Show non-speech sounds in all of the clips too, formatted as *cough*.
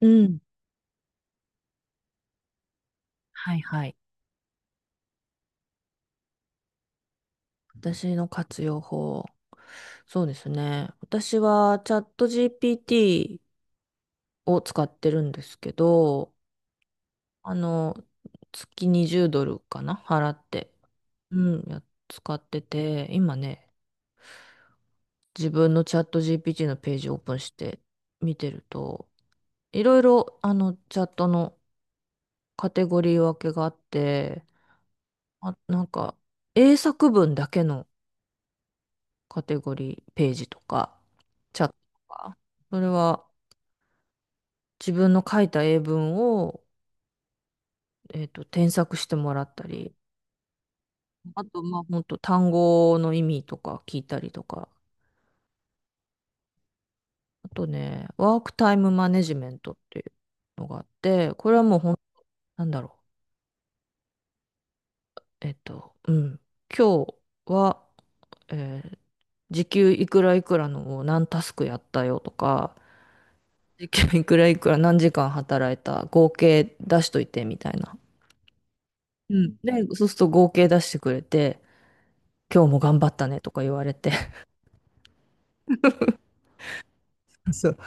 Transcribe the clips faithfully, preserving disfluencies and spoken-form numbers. うん。はいはい。私の活用法。そうですね。私はチャット ジーピーティー を使ってるんですけど、あの、月にじゅうドルかな払って。うん、や使ってて、今ね、自分のチャット ジーピーティー のページをオープンして見てると、いろいろ、あの、チャットのカテゴリー分けがあって、あ、なんか、英作文だけのカテゴリー、ページとか、チャットとか、それは自分の書いた英文を、えっと、添削してもらったり、あと、まあ、本当と単語の意味とか聞いたりとか、あとね、ワークタイムマネジメントっていうのがあって、これはもうほん、なんだろう、えっと、うん、今日は、えー時給いくらいくらのを何タスクやったよとか、時給いくらいくら何時間働いた合計出しといてみたいな。うん。で、そうすると合計出してくれて、今日も頑張ったねとか言われて。*laughs* そう。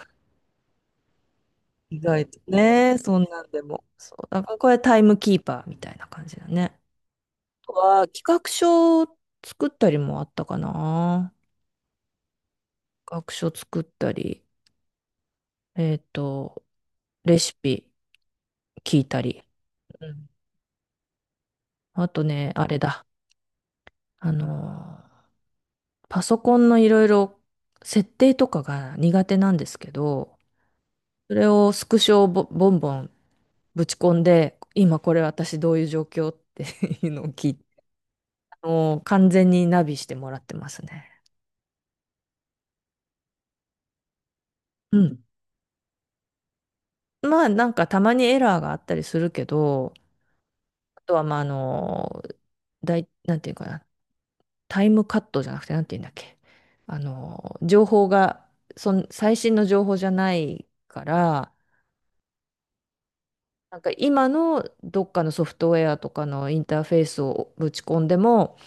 意外とね、そんなんでも。そう。だからこれタイムキーパーみたいな感じだね。あとは、企画書を作ったりもあったかな。企画書作ったり、えっと、レシピ聞いたり。うん。あとね、あれだ。あのー、パソコンのいろいろ設定とかが苦手なんですけど、それをスクショをボボンボンぶち込んで、今これ私どういう状況って *laughs* いうのを聞いて、あの完全にナビしてもらってますね。うん。まあなんかたまにエラーがあったりするけど、あとはまああの、だい、なんていうかな、タイムカットじゃなくてなんていうんだっけ。あの、情報が、そん最新の情報じゃないから、なんか今のどっかのソフトウェアとかのインターフェースをぶち込んでも、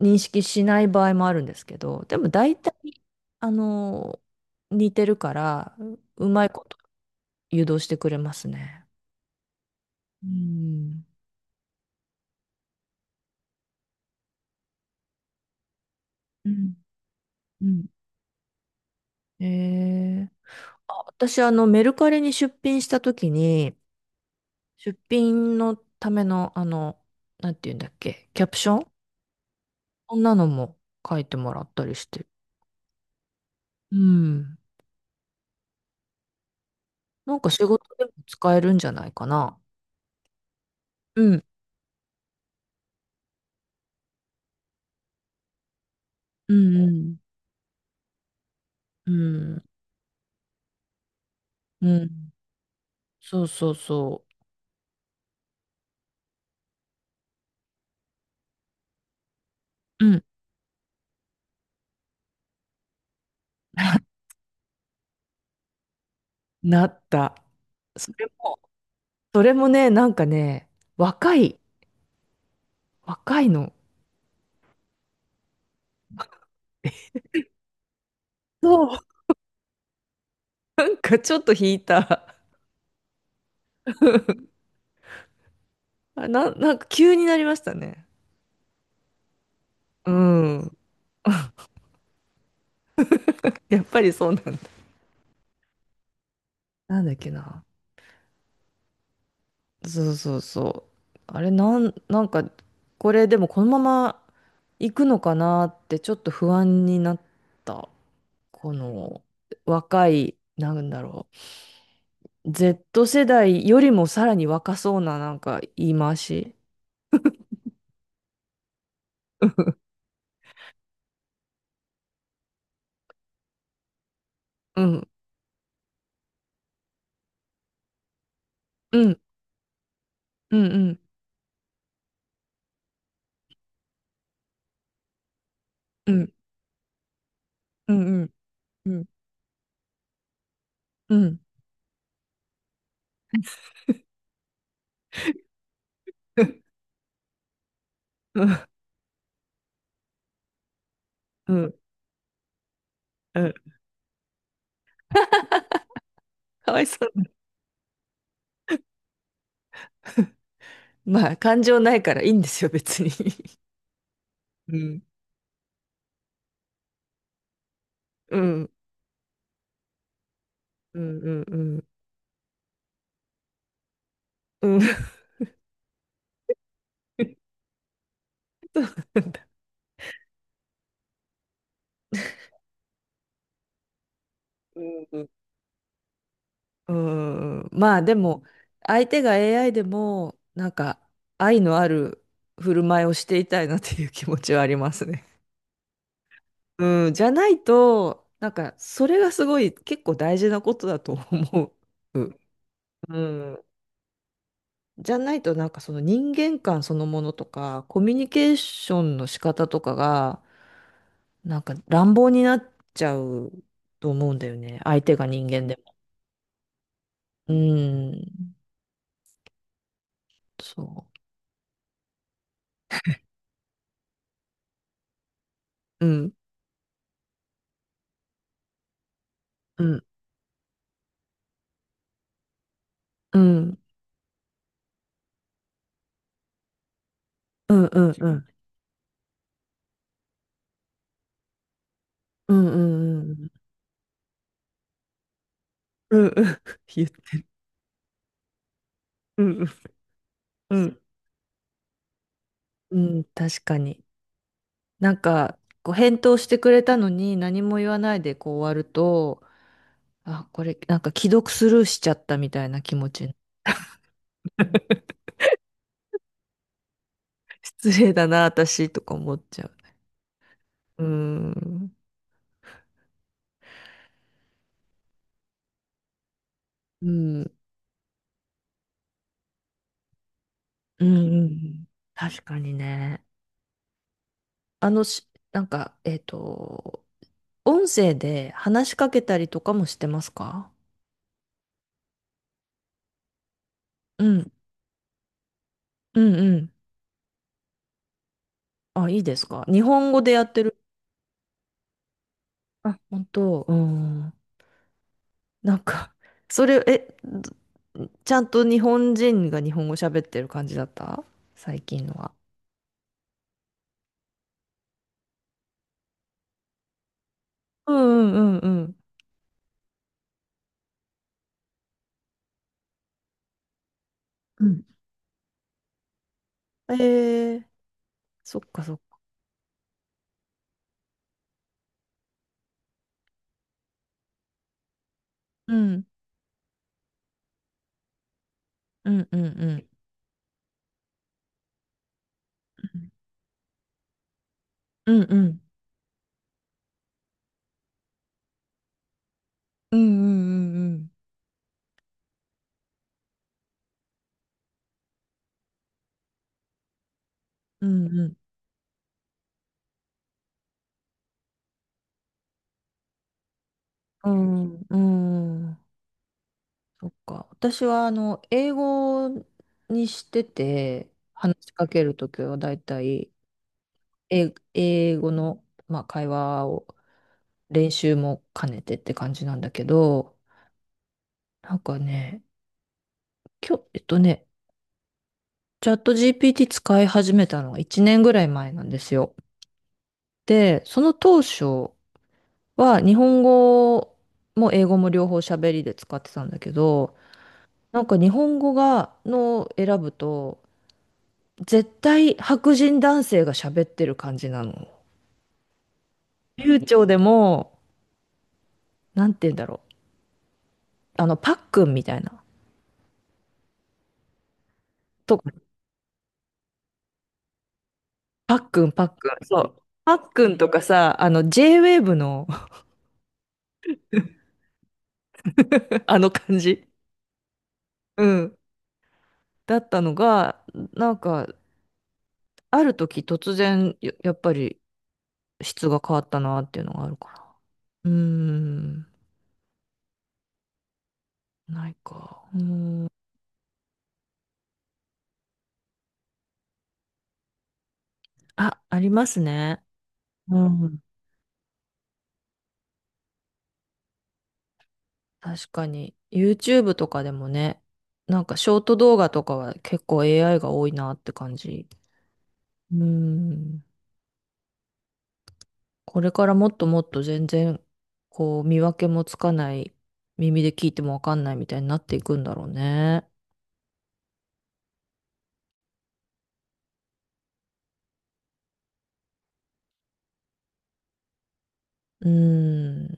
認識しない場合もあるんですけど、でも大体、あの、似てるから、ううまいこと誘導してくれますね。うん。うん、うん、えー、あ、私、あの、メルカリに出品したときに、出品のための、あの、なんて言うんだっけ、キャプションこんなのも書いてもらったりして。うん。なんか仕事でも使えるんじゃないかな。うん。うん、うん。うん。うん。そうそうそう。うん。*laughs* なった。それも、それもね、なんかね、若い、若いの。そう。なんかちょっと引いた。*laughs* あな、なんか急になりましたね。うん。やっぱりそうなんだ。なんだっけな。そうそうそう。あれ、なん、なんか、これでもこのまま行くのかなってちょっと不安になった。この若い、なんだろう。ゼット 世代よりもさらに若そうななんか言い回し。うん、うん、うん、うん、うん、うん、うん、うん、うん、うん、うん、かわいそう。まあ、感情ないからいいんですよ、別に。うん、うん、うん、うん、うん、うん。そうなんだ。うん、うん、まあ、でも、相手が エーアイ でも、なんか、愛のある振る舞いをしていたいなっていう気持ちはありますね。うん、じゃないと、なんか、それがすごい、結構大事なことだと思う。うん。じゃないとなんかその人間観そのものとか、コミュニケーションの仕方とかが、なんか乱暴になっちゃうと思うんだよね。相手が人間でも。うん。そう。うん。うん。うん。うん。うん。うん。うん。うん。うんうん *laughs* 言ってる。うん。うん。うん。確かに。なんか、こう返答してくれたのに何も言わないでこう終わると、あ、これなんか既読スルーしちゃったみたいな気持ちに。失礼だな、私とか思っちゃう。うーん。うん。うんうんうん。確かにね。あのし、なんか、えっと、音声で話しかけたりとかもしてますか？うん。うんうん。あ、いいですか？日本語でやってる。あ、本当。うん。なんか、それ、え、どちゃんと日本人が日本語喋ってる感じだった最近のは。うんうんうんうん。うん。えー、そっかそっか。うんうんうんうんうんうんうんうんうんうんうんうんそっか私はあの英語にしてて話しかけるときはだいたい英英語の、まあ、会話を練習も兼ねてって感じなんだけどなんかね今日えっとねチャット ジーピーティー 使い始めたのがいちねんぐらい前なんですよ。でその当初は日本語も英語も両方喋りで使ってたんだけど、なんか日本語が、の選ぶと、絶対白人男性が喋ってる感じなの。流暢でも、なんて言うんだろう。あの、パックンみたいな。とか、パックン、パックン。そう。パックンとかさ、あの、ジェイウェーブ の *laughs* あの感じ。うん。だったのが、なんか、ある時突然、ややっぱり質が変わったなっていうのがあるから。うーん。ないか。うん。あ、ありますね。うん。確かに。ユーチューブ とかでもね、なんかショート動画とかは結構 エーアイ が多いなって感じ。うん。これからもっともっと全然、こう、見分けもつかない、耳で聞いてもわかんないみたいになっていくんだろうね。うん。